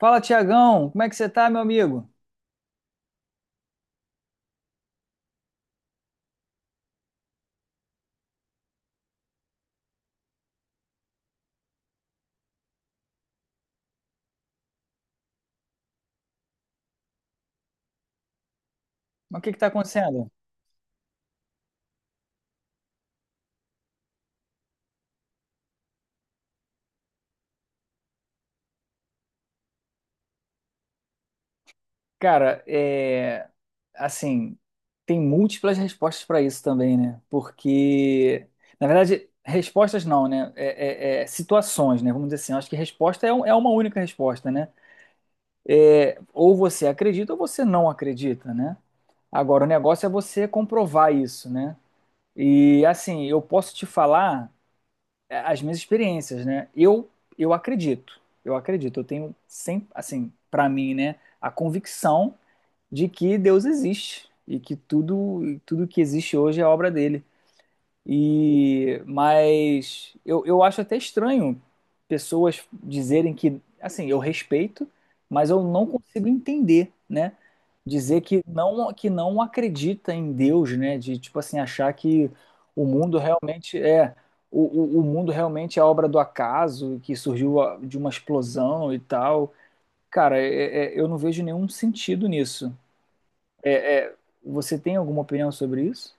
Fala, Tiagão, como é que você tá, meu amigo? Mas o que que tá acontecendo? Cara, assim, tem múltiplas respostas para isso também, né? Porque, na verdade, respostas não, né? É situações, né? Vamos dizer assim, eu acho que resposta é uma única resposta, né? É, ou você acredita ou você não acredita, né? Agora, o negócio é você comprovar isso, né? E, assim, eu posso te falar. É, as minhas experiências, né? Eu acredito, eu acredito, eu tenho sempre, assim, para mim, né, a convicção de que Deus existe e que tudo, tudo que existe hoje é obra dele. E mas eu acho até estranho pessoas dizerem que, assim, eu respeito, mas eu não consigo entender, né? Dizer que não acredita em Deus, né? De tipo assim achar que o mundo realmente é o, o mundo realmente é obra do acaso, que surgiu de uma explosão e tal. Cara, eu não vejo nenhum sentido nisso. É- é, você tem alguma opinião sobre isso?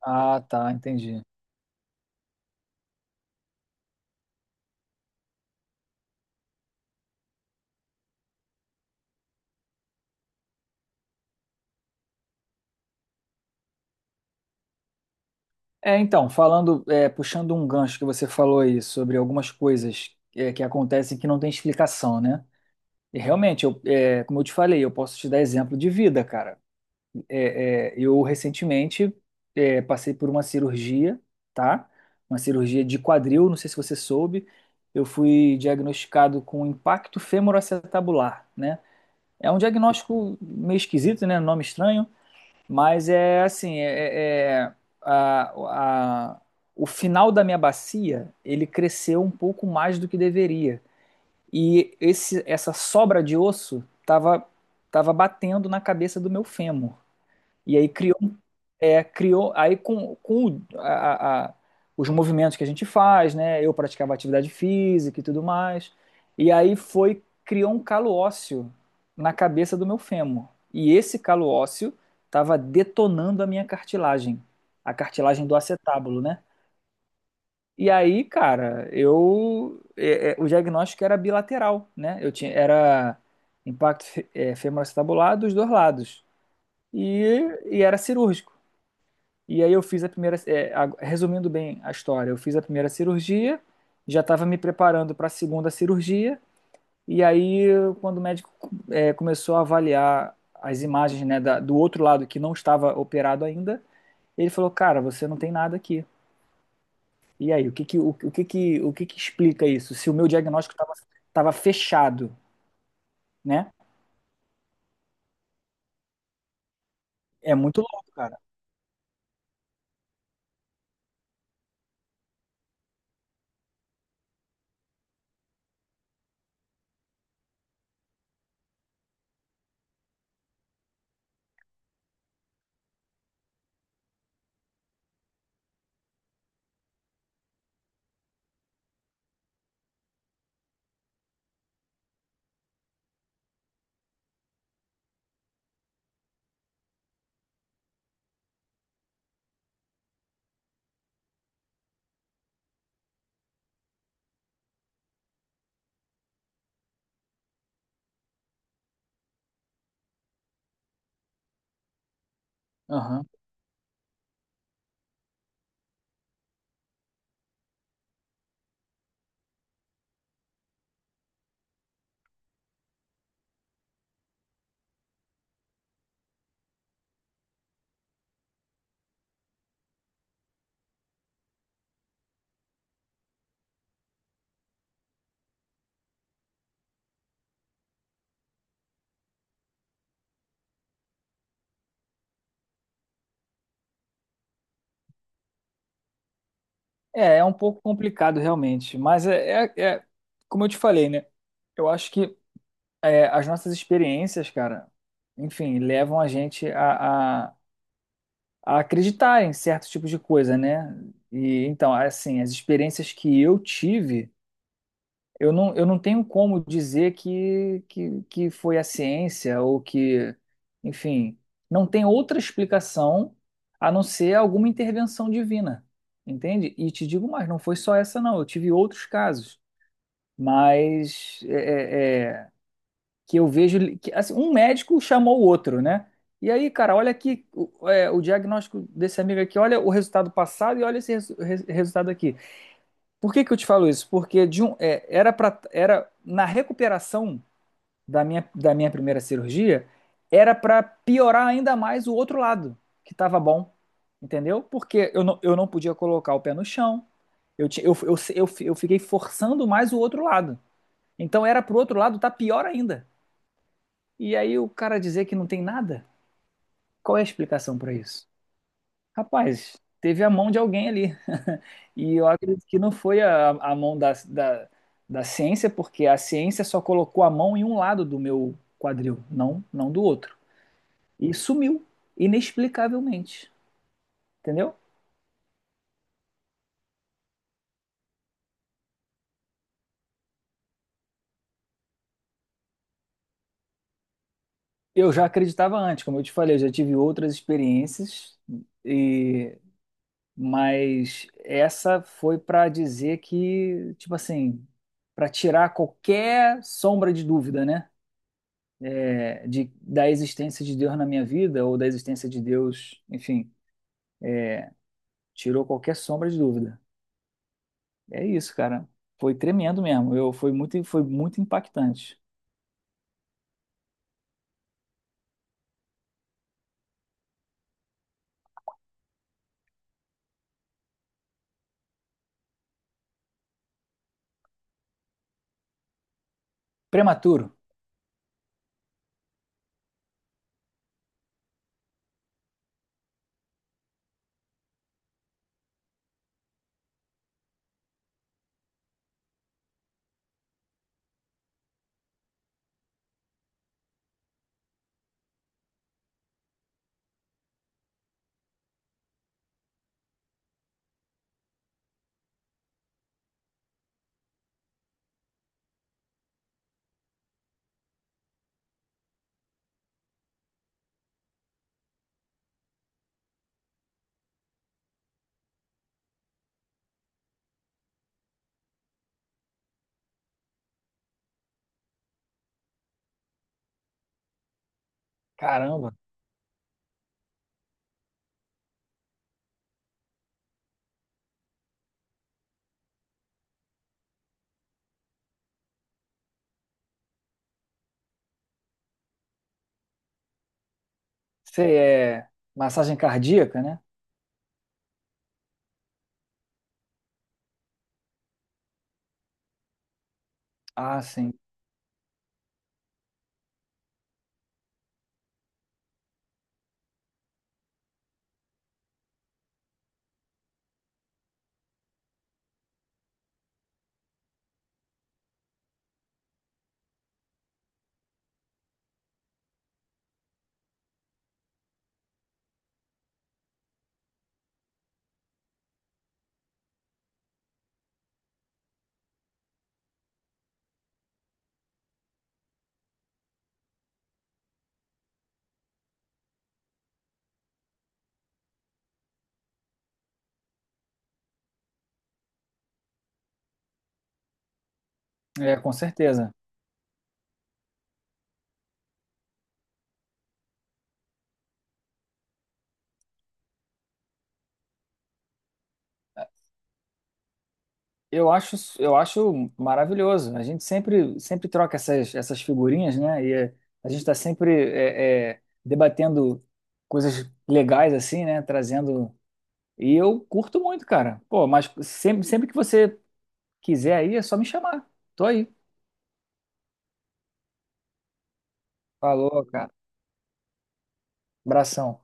Ah, tá, entendi. Falando, puxando um gancho que você falou aí sobre algumas coisas que acontecem que não tem explicação, né? E realmente, como eu te falei, eu posso te dar exemplo de vida, cara. Eu recentemente passei por uma cirurgia, tá? Uma cirurgia de quadril, não sei se você soube. Eu fui diagnosticado com impacto femoroacetabular, né? É um diagnóstico meio esquisito, né? Nome estranho, mas é assim, a, a- o final da minha bacia, ele cresceu um pouco mais do que deveria. E essa sobra de osso estava tava tava batendo na cabeça do meu fêmur. E aí criou, criou aí com os movimentos que a gente faz, né? Eu praticava atividade física e tudo mais. E aí foi, criou um calo ósseo na cabeça do meu fêmur. E esse calo ósseo estava detonando a minha cartilagem, a cartilagem do acetábulo, né? E aí, cara, o diagnóstico era bilateral, né? Eu tinha era impacto femoroacetabulado dos dois lados. E, e era cirúrgico. E aí eu fiz a primeira, resumindo bem a história, eu fiz a primeira cirurgia, já estava me preparando para a segunda cirurgia, e aí quando o médico começou a avaliar as imagens, né, do outro lado que não estava operado ainda, ele falou, cara, você não tem nada aqui. E aí, o que que explica isso? Se o meu diagnóstico estava fechado, né? É muito louco, cara. Aham. É, é um pouco complicado realmente, mas é como eu te falei, né? Eu acho que as nossas experiências, cara, enfim, levam a gente a acreditar em certos tipos de coisa, né? E então, assim, as experiências que eu tive, eu não tenho como dizer que foi a ciência ou que, enfim, não tem outra explicação a não ser alguma intervenção divina, entende? E te digo mais, não foi só essa, não. Eu tive outros casos, mas que eu vejo que assim, um médico chamou o outro, né? E aí, cara, olha aqui o diagnóstico desse amigo aqui, olha o resultado passado e olha esse resultado aqui. Por que que eu te falo isso? Porque de um, é, era para era na recuperação da minha primeira cirurgia, era para piorar ainda mais o outro lado, que estava bom, entendeu? Porque eu não podia colocar o pé no chão, eu, ti- eu fiquei forçando mais o outro lado. Então era pro outro lado tá pior ainda. E aí o cara dizer que não tem nada? Qual é a explicação para isso? Rapaz, teve a mão de alguém ali. E eu acredito que não foi a mão da ciência, porque a ciência só colocou a mão em um lado do meu quadril, não do outro. E sumiu, inexplicavelmente. Entendeu? Eu já acreditava antes, como eu te falei, eu já tive outras experiências e mas essa foi para dizer que, tipo assim, para tirar qualquer sombra de dúvida, né? Da existência de Deus na minha vida ou da existência de Deus, enfim, tirou qualquer sombra de dúvida. É isso, cara. Foi tremendo mesmo. Eu foi muito impactante. Prematuro. Caramba. Você é massagem cardíaca, né? Ah, sim. É, com certeza. Eu acho maravilhoso. A gente sempre, sempre troca essas figurinhas, né? E é, a gente está sempre debatendo coisas legais assim, né? Trazendo. E eu curto muito, cara. Pô, mas sempre que você quiser aí, é só me chamar. Tô aí. Falou, cara. Abração.